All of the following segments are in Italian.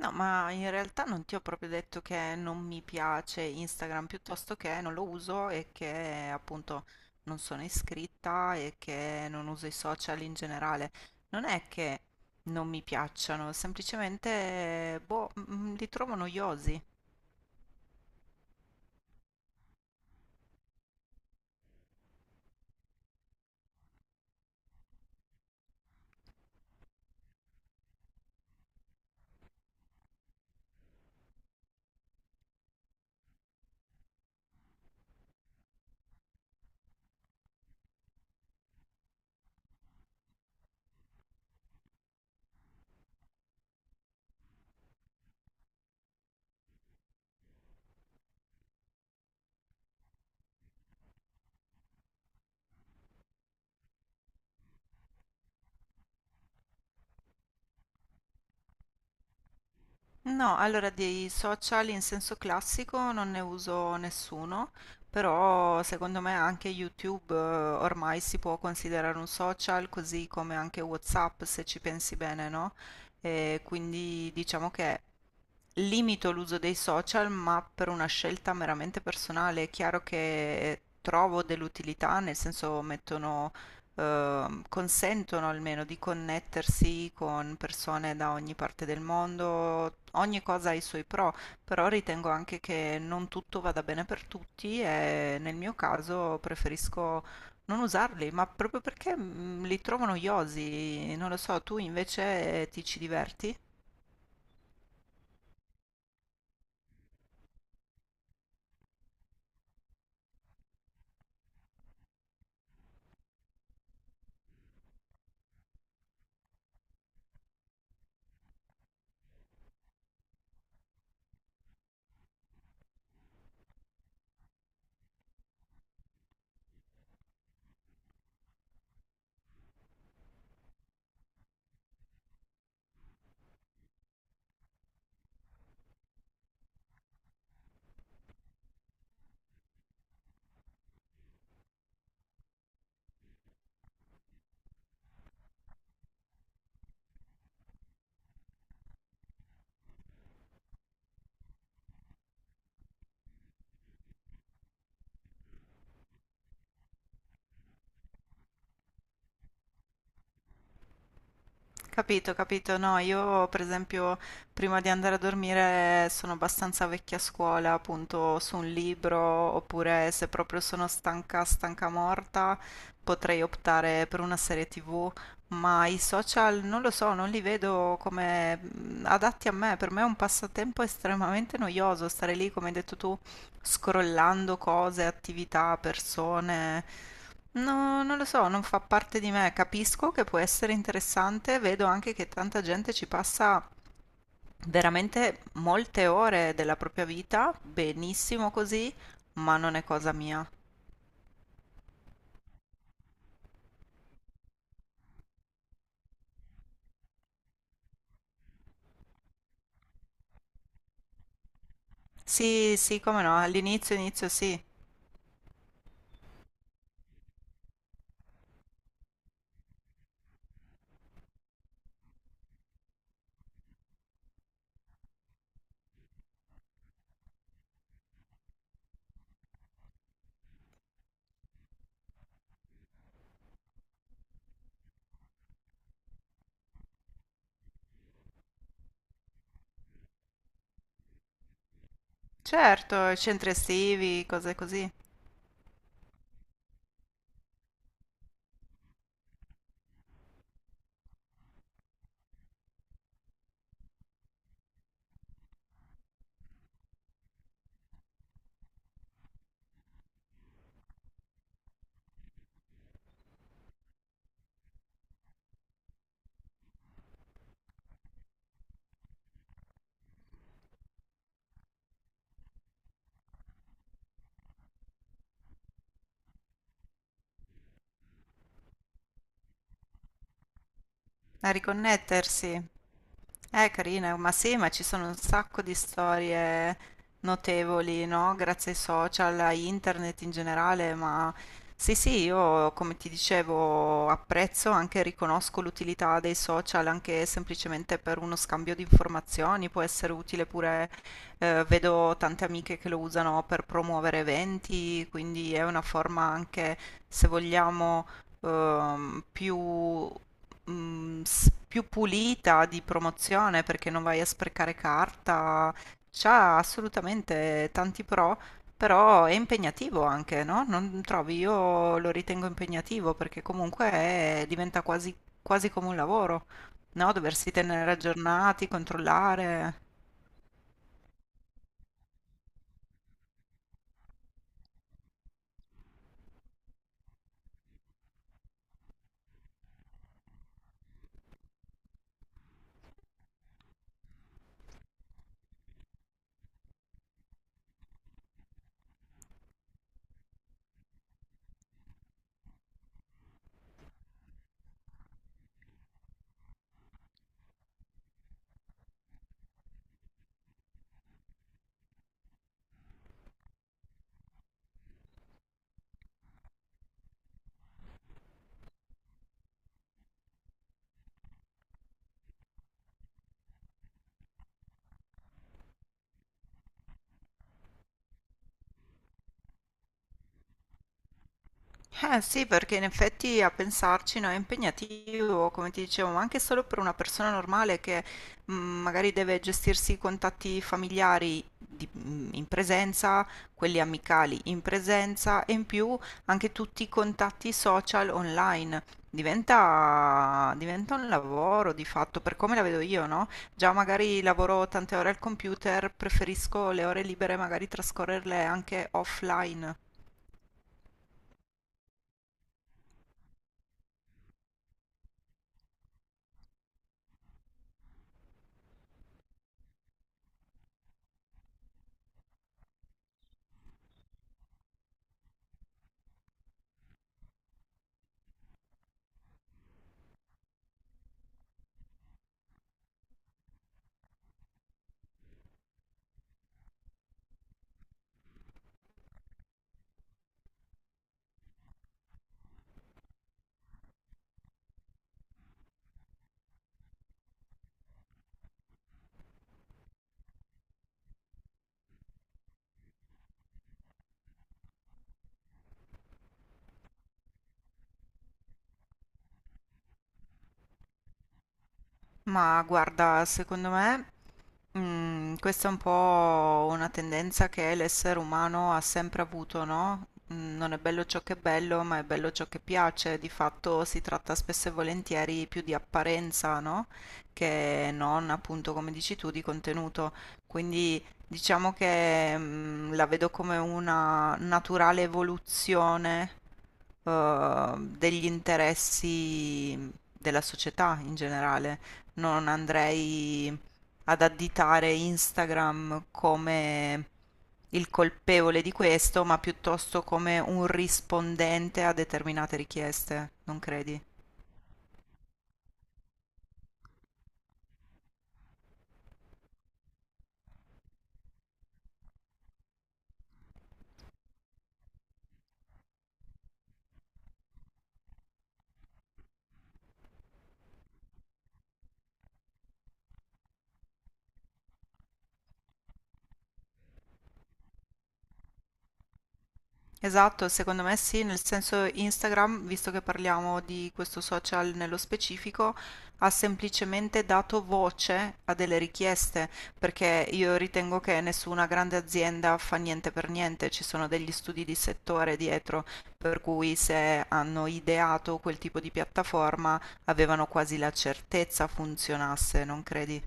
No, ma in realtà non ti ho proprio detto che non mi piace Instagram, piuttosto che non lo uso e che appunto non sono iscritta e che non uso i social in generale. Non è che non mi piacciono, semplicemente boh, li trovo noiosi. No, allora dei social in senso classico non ne uso nessuno, però secondo me anche YouTube ormai si può considerare un social, così come anche WhatsApp se ci pensi bene, no? E quindi diciamo che limito l'uso dei social, ma per una scelta meramente personale. È chiaro che trovo dell'utilità, nel senso mettono, consentono almeno di connettersi con persone da ogni parte del mondo. Ogni cosa ha i suoi pro, però ritengo anche che non tutto vada bene per tutti e nel mio caso preferisco non usarli, ma proprio perché li trovo noiosi. Non lo so, tu invece ti ci diverti? Capito, capito. No, io per esempio prima di andare a dormire sono abbastanza vecchia scuola, appunto su un libro, oppure se proprio sono stanca, stanca morta, potrei optare per una serie TV, ma i social non lo so, non li vedo come adatti a me. Per me è un passatempo estremamente noioso stare lì, come hai detto tu, scrollando cose, attività, persone. No, non lo so, non fa parte di me. Capisco che può essere interessante, vedo anche che tanta gente ci passa veramente molte ore della propria vita, benissimo così, ma non è cosa mia. Sì, sì, come no, all'inizio, inizio sì. Certo, centri estivi, cose così. A riconnettersi. Carina, ma sì, ma ci sono un sacco di storie notevoli, no? Grazie ai social, a internet in generale, ma sì, sì, io come ti dicevo apprezzo, anche riconosco l'utilità dei social, anche semplicemente per uno scambio di informazioni, può essere utile pure, vedo tante amiche che lo usano per promuovere eventi, quindi è una forma anche, se vogliamo più più pulita di promozione perché non vai a sprecare carta, c'ha assolutamente tanti pro, però è impegnativo anche, no? Non trovi? Io lo ritengo impegnativo perché comunque diventa quasi, quasi come un lavoro, no? Doversi tenere aggiornati, controllare. Eh sì, perché in effetti a pensarci, no, è impegnativo, come ti dicevo, ma anche solo per una persona normale che magari deve gestirsi i contatti familiari in presenza, quelli amicali in presenza e in più anche tutti i contatti social online. Diventa, diventa un lavoro di fatto, per come la vedo io, no? Già magari lavoro tante ore al computer, preferisco le ore libere magari trascorrerle anche offline. Ma guarda, secondo me, questa è un po' una tendenza che l'essere umano ha sempre avuto, no? Non è bello ciò che è bello, ma è bello ciò che piace. Di fatto si tratta spesso e volentieri più di apparenza, no? Che non, appunto, come dici tu, di contenuto. Quindi diciamo che la vedo come una naturale evoluzione degli interessi della società in generale non andrei ad additare Instagram come il colpevole di questo, ma piuttosto come un rispondente a determinate richieste, non credi? Esatto, secondo me sì, nel senso Instagram, visto che parliamo di questo social nello specifico, ha semplicemente dato voce a delle richieste, perché io ritengo che nessuna grande azienda fa niente per niente, ci sono degli studi di settore dietro, per cui se hanno ideato quel tipo di piattaforma avevano quasi la certezza funzionasse, non credi?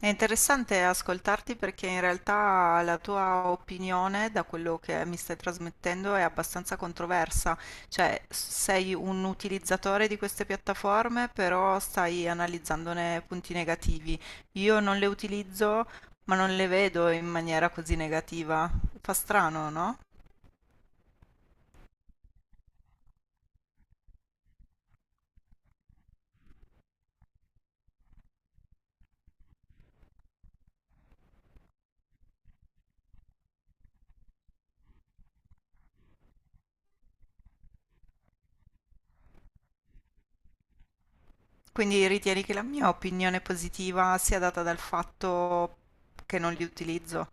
È interessante ascoltarti perché in realtà la tua opinione, da quello che mi stai trasmettendo, è abbastanza controversa. Cioè, sei un utilizzatore di queste piattaforme, però stai analizzandone punti negativi. Io non le utilizzo, ma non le vedo in maniera così negativa. Fa strano, no? Quindi ritieni che la mia opinione positiva sia data dal fatto che non li utilizzo?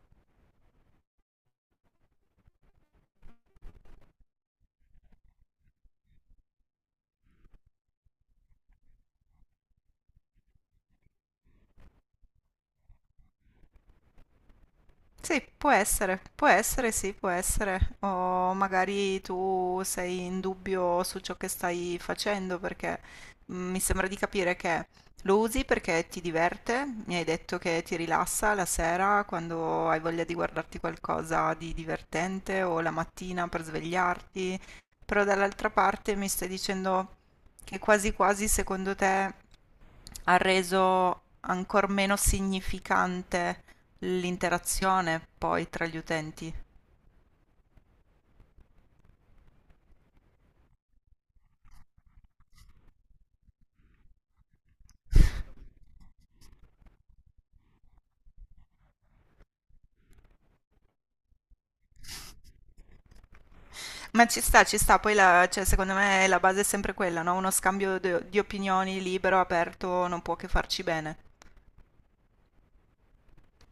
Sì, può essere, sì, può essere. O magari tu sei in dubbio su ciò che stai facendo perché mi sembra di capire che lo usi perché ti diverte, mi hai detto che ti rilassa la sera quando hai voglia di guardarti qualcosa di divertente o la mattina per svegliarti, però dall'altra parte mi stai dicendo che quasi quasi secondo te ha reso ancora meno significante l'interazione poi tra gli utenti. Ma ci sta, poi cioè, secondo me la base è sempre quella, no? Uno scambio di opinioni libero, aperto, non può che farci bene.